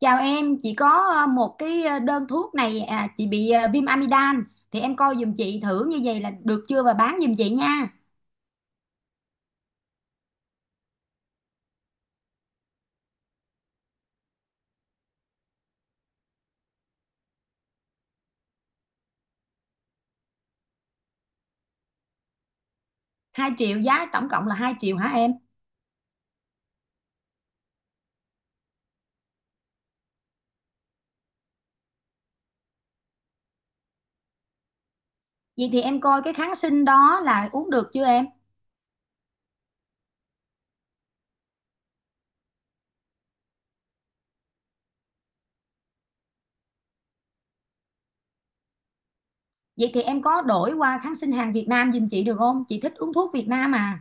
Chào em, chị có một cái đơn thuốc này à, chị bị viêm amidan thì em coi giùm chị thử như vậy là được chưa và bán giùm chị nha. 2.000.000, giá tổng cộng là 2.000.000 hả em? Vậy thì em coi cái kháng sinh đó là uống được chưa em? Vậy thì em có đổi qua kháng sinh hàng Việt Nam giùm chị được không? Chị thích uống thuốc Việt Nam à.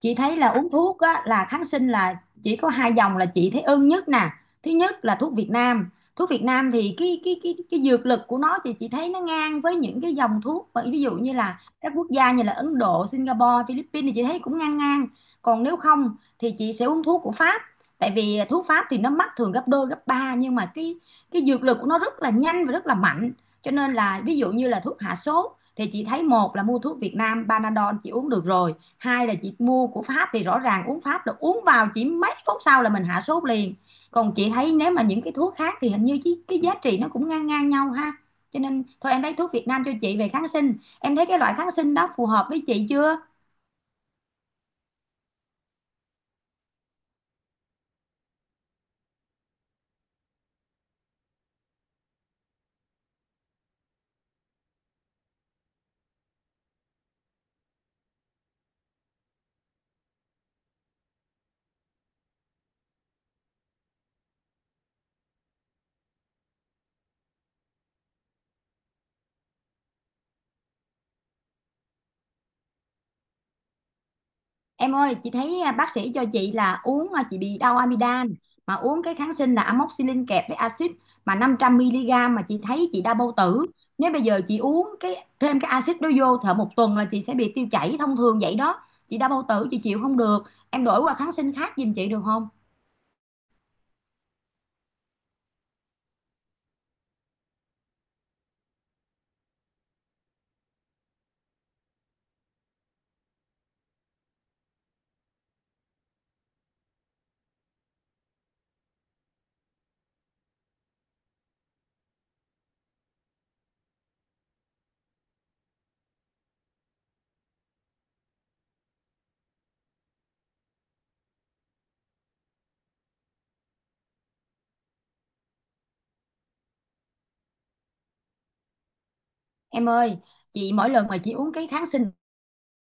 Chị thấy là uống thuốc á, là kháng sinh là chỉ có hai dòng là chị thấy ưng nhất nè. Thứ nhất là thuốc Việt Nam, thuốc Việt Nam thì cái dược lực của nó thì chị thấy nó ngang với những cái dòng thuốc, mà ví dụ như là các quốc gia như là Ấn Độ, Singapore, Philippines thì chị thấy cũng ngang ngang. Còn nếu không thì chị sẽ uống thuốc của Pháp, tại vì thuốc Pháp thì nó mắc thường gấp đôi gấp ba, nhưng mà cái dược lực của nó rất là nhanh và rất là mạnh. Cho nên là ví dụ như là thuốc hạ sốt thì chị thấy, một là mua thuốc Việt Nam, Panadol chị uống được rồi; hai là chị mua của Pháp, thì rõ ràng uống Pháp là uống vào chỉ mấy phút sau là mình hạ sốt liền. Còn chị thấy nếu mà những cái thuốc khác thì hình như cái giá trị nó cũng ngang ngang nhau ha. Cho nên thôi em lấy thuốc Việt Nam cho chị về kháng sinh. Em thấy cái loại kháng sinh đó phù hợp với chị chưa? Em ơi, chị thấy à, bác sĩ cho chị là uống à, chị bị đau amidan mà uống cái kháng sinh là amoxicillin kẹp với axit, mà 500 mg, mà chị thấy chị đau bao tử. Nếu bây giờ chị uống cái thêm cái axit đó vô thở một tuần là chị sẽ bị tiêu chảy thông thường vậy đó. Chị đau bao tử chị chịu không được. Em đổi qua kháng sinh khác giùm chị được không? Em ơi, chị mỗi lần mà chị uống cái kháng sinh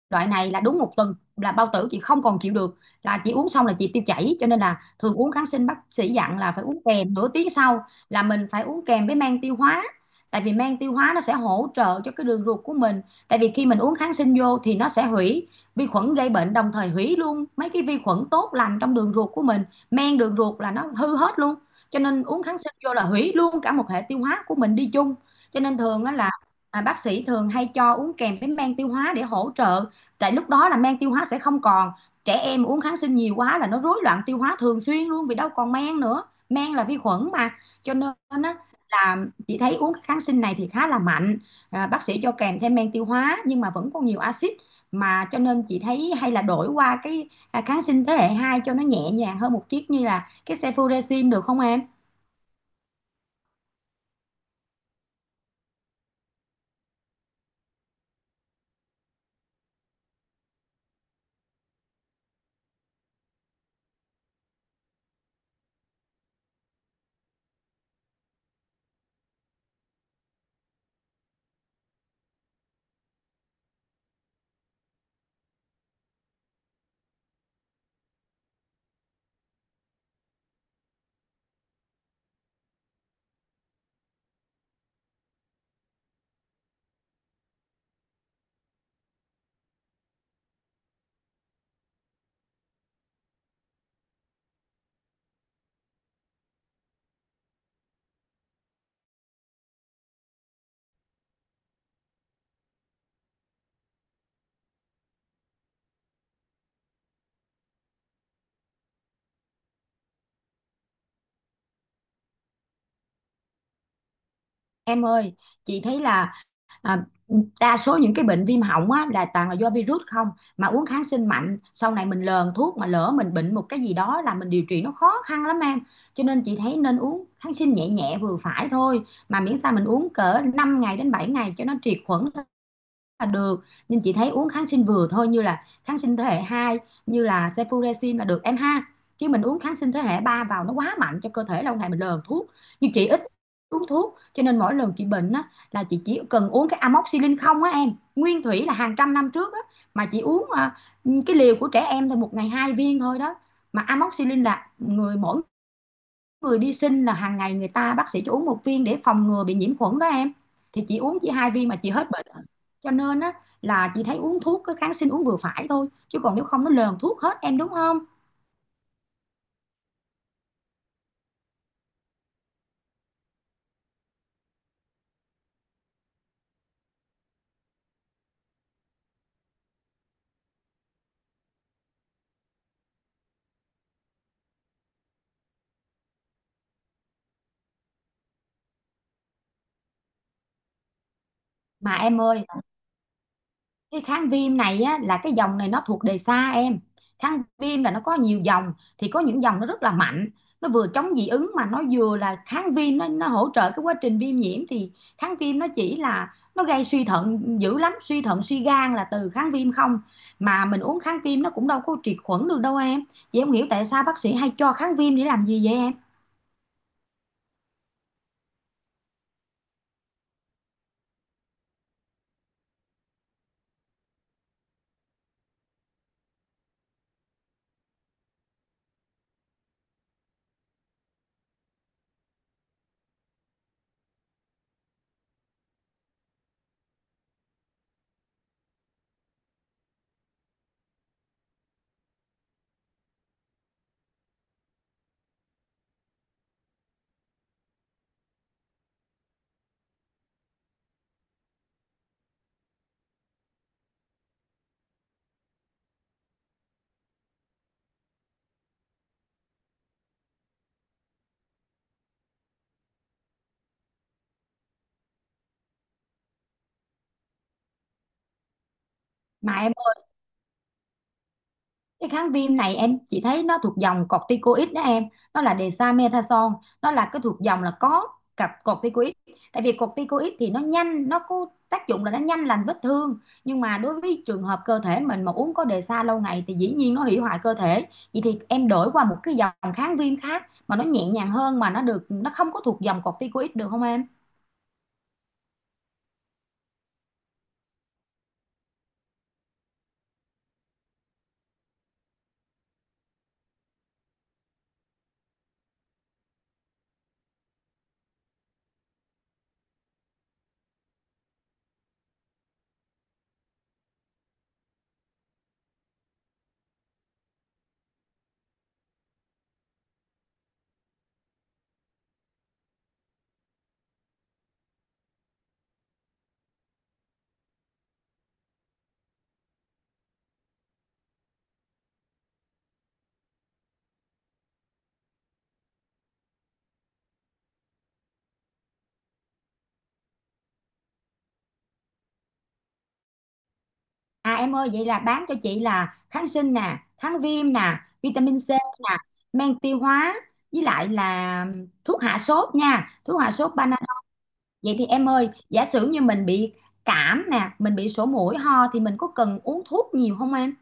loại này là đúng một tuần là bao tử chị không còn chịu được, là chị uống xong là chị tiêu chảy. Cho nên là thường uống kháng sinh bác sĩ dặn là phải uống kèm nửa tiếng sau là mình phải uống kèm với men tiêu hóa, tại vì men tiêu hóa nó sẽ hỗ trợ cho cái đường ruột của mình. Tại vì khi mình uống kháng sinh vô thì nó sẽ hủy vi khuẩn gây bệnh, đồng thời hủy luôn mấy cái vi khuẩn tốt lành trong đường ruột của mình, men đường ruột là nó hư hết luôn. Cho nên uống kháng sinh vô là hủy luôn cả một hệ tiêu hóa của mình đi chung. Cho nên thường á là à, bác sĩ thường hay cho uống kèm với men tiêu hóa để hỗ trợ, tại lúc đó là men tiêu hóa sẽ không còn. Trẻ em uống kháng sinh nhiều quá là nó rối loạn tiêu hóa thường xuyên luôn, vì đâu còn men nữa, men là vi khuẩn mà. Cho nên á là chị thấy uống cái kháng sinh này thì khá là mạnh, à, bác sĩ cho kèm thêm men tiêu hóa nhưng mà vẫn còn nhiều axit, mà cho nên chị thấy hay là đổi qua cái à, kháng sinh thế hệ 2 cho nó nhẹ nhàng hơn một chút như là cái cefuroxim được không em? Em ơi, chị thấy là à, đa số những cái bệnh viêm họng á, là toàn là do virus không, mà uống kháng sinh mạnh sau này mình lờn thuốc, mà lỡ mình bệnh một cái gì đó là mình điều trị nó khó khăn lắm em. Cho nên chị thấy nên uống kháng sinh nhẹ nhẹ vừa phải thôi, mà miễn sao mình uống cỡ 5 ngày đến 7 ngày cho nó triệt khuẩn là được. Nhưng chị thấy uống kháng sinh vừa thôi, như là kháng sinh thế hệ 2 như là cefuroxim là được em ha. Chứ mình uống kháng sinh thế hệ 3 vào nó quá mạnh cho cơ thể, lâu ngày mình lờn thuốc. Nhưng chị ít uống thuốc, cho nên mỗi lần chị bệnh á, là chị chỉ cần uống cái amoxicillin không á em. Nguyên thủy là hàng trăm năm trước á, mà chị uống à, cái liều của trẻ em thôi, một ngày hai viên thôi đó. Mà amoxicillin là người mỗi người đi sinh là hàng ngày người ta bác sĩ cho uống một viên để phòng ngừa bị nhiễm khuẩn đó em. Thì chị uống chỉ hai viên mà chị hết bệnh. Cho nên á là chị thấy uống thuốc cái kháng sinh uống vừa phải thôi, chứ còn nếu không nó lờn thuốc hết em đúng không? Mà em ơi, cái kháng viêm này á, là cái dòng này nó thuộc đề xa em. Kháng viêm là nó có nhiều dòng, thì có những dòng nó rất là mạnh, nó vừa chống dị ứng mà nó vừa là kháng viêm, nó hỗ trợ cái quá trình viêm nhiễm. Thì kháng viêm nó chỉ là nó gây suy thận dữ lắm, suy thận suy gan là từ kháng viêm không, mà mình uống kháng viêm nó cũng đâu có triệt khuẩn được đâu em. Chị không hiểu tại sao bác sĩ hay cho kháng viêm để làm gì vậy em? Em cái kháng viêm này em chỉ thấy nó thuộc dòng corticoid đó em, nó là dexamethasone, nó là cái thuộc dòng là có cặp corticoid. Tại vì corticoid thì nó nhanh, nó có tác dụng là nó nhanh lành vết thương, nhưng mà đối với trường hợp cơ thể mình mà uống có dexa lâu ngày thì dĩ nhiên nó hủy hoại cơ thể. Vậy thì em đổi qua một cái dòng kháng viêm khác mà nó nhẹ nhàng hơn, mà nó được, nó không có thuộc dòng corticoid được không em? À em ơi, vậy là bán cho chị là kháng sinh nè, kháng viêm nè, vitamin C nè, men tiêu hóa, với lại là thuốc hạ sốt nha, thuốc hạ sốt Panadol. Vậy thì em ơi, giả sử như mình bị cảm nè, mình bị sổ mũi ho thì mình có cần uống thuốc nhiều không em?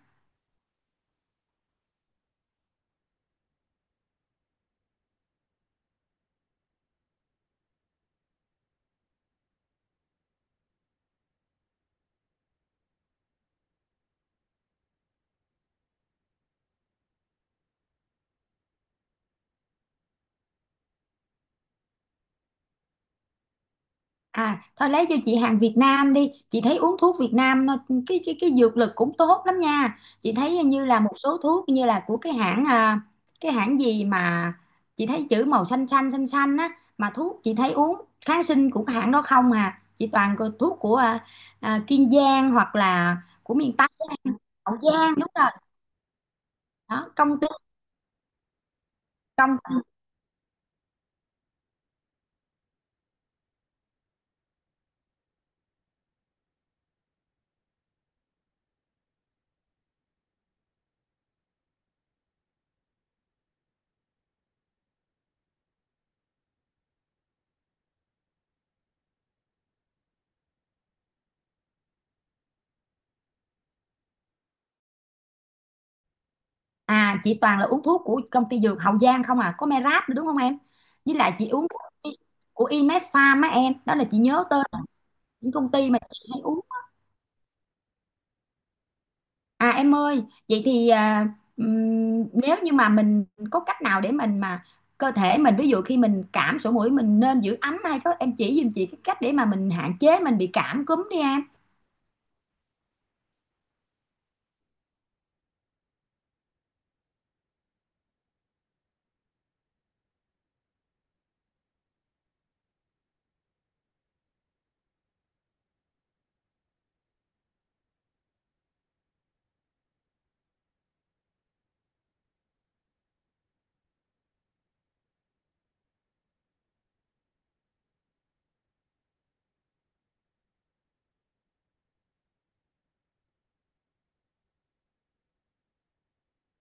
À, thôi lấy cho chị hàng Việt Nam đi. Chị thấy uống thuốc Việt Nam nó- cái dược lực cũng tốt lắm nha. Chị thấy như là một số thuốc như là của cái hãng à, cái hãng gì mà chị thấy chữ màu xanh xanh xanh xanh á, mà thuốc chị thấy uống kháng sinh của cái hãng đó không à. Chị toàn có thuốc của à, à, Kiên Giang hoặc là của miền Tây, á, Hậu Giang đúng rồi. Đó, công ty, công. À chị toàn là uống thuốc của công ty Dược Hậu Giang không à. Có Merap nữa đúng không em? Với lại chị uống của Imed Farm á em. Đó là chị nhớ tên những công ty mà chị hay uống. À em ơi, vậy thì à, nếu như mà mình có cách nào để mình mà cơ thể mình, ví dụ khi mình cảm sổ mũi, mình nên giữ ấm hay có em chỉ giùm chị cái cách để mà mình hạn chế mình bị cảm cúm đi em.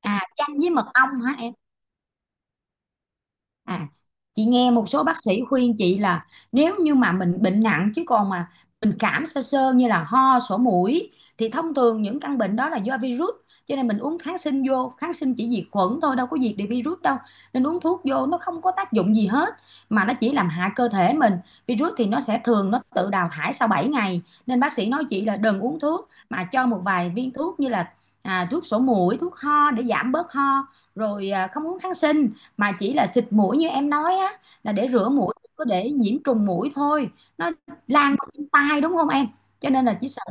À chanh với mật ong hả em? À, chị nghe một số bác sĩ khuyên chị là nếu như mà mình bệnh nặng, chứ còn mà mình cảm sơ sơ như là ho, sổ mũi, thì thông thường những căn bệnh đó là do virus, cho nên mình uống kháng sinh vô, kháng sinh chỉ diệt khuẩn thôi đâu có diệt được virus đâu. Nên uống thuốc vô nó không có tác dụng gì hết, mà nó chỉ làm hại cơ thể mình. Virus thì nó sẽ thường nó tự đào thải sau 7 ngày, nên bác sĩ nói chị là đừng uống thuốc, mà cho một vài viên thuốc như là à, thuốc sổ mũi, thuốc ho để giảm bớt ho, rồi à, không uống kháng sinh, mà chỉ là xịt mũi như em nói á, là để rửa mũi, có để nhiễm trùng mũi thôi nó lan qua đến tai đúng không em. Cho nên là chỉ sợ,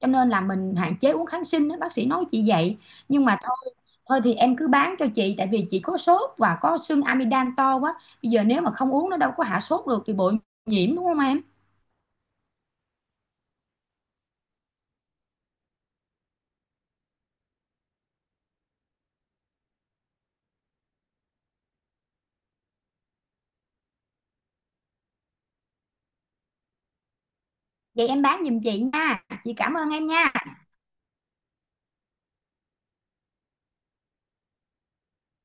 cho nên là mình hạn chế uống kháng sinh đó, bác sĩ nói chị vậy. Nhưng mà thôi, thôi thì em cứ bán cho chị, tại vì chị có sốt và có sưng amidan to quá, bây giờ nếu mà không uống nó đâu có hạ sốt được thì bội nhiễm đúng không em. Vậy em bán giùm chị nha, chị cảm ơn em nha.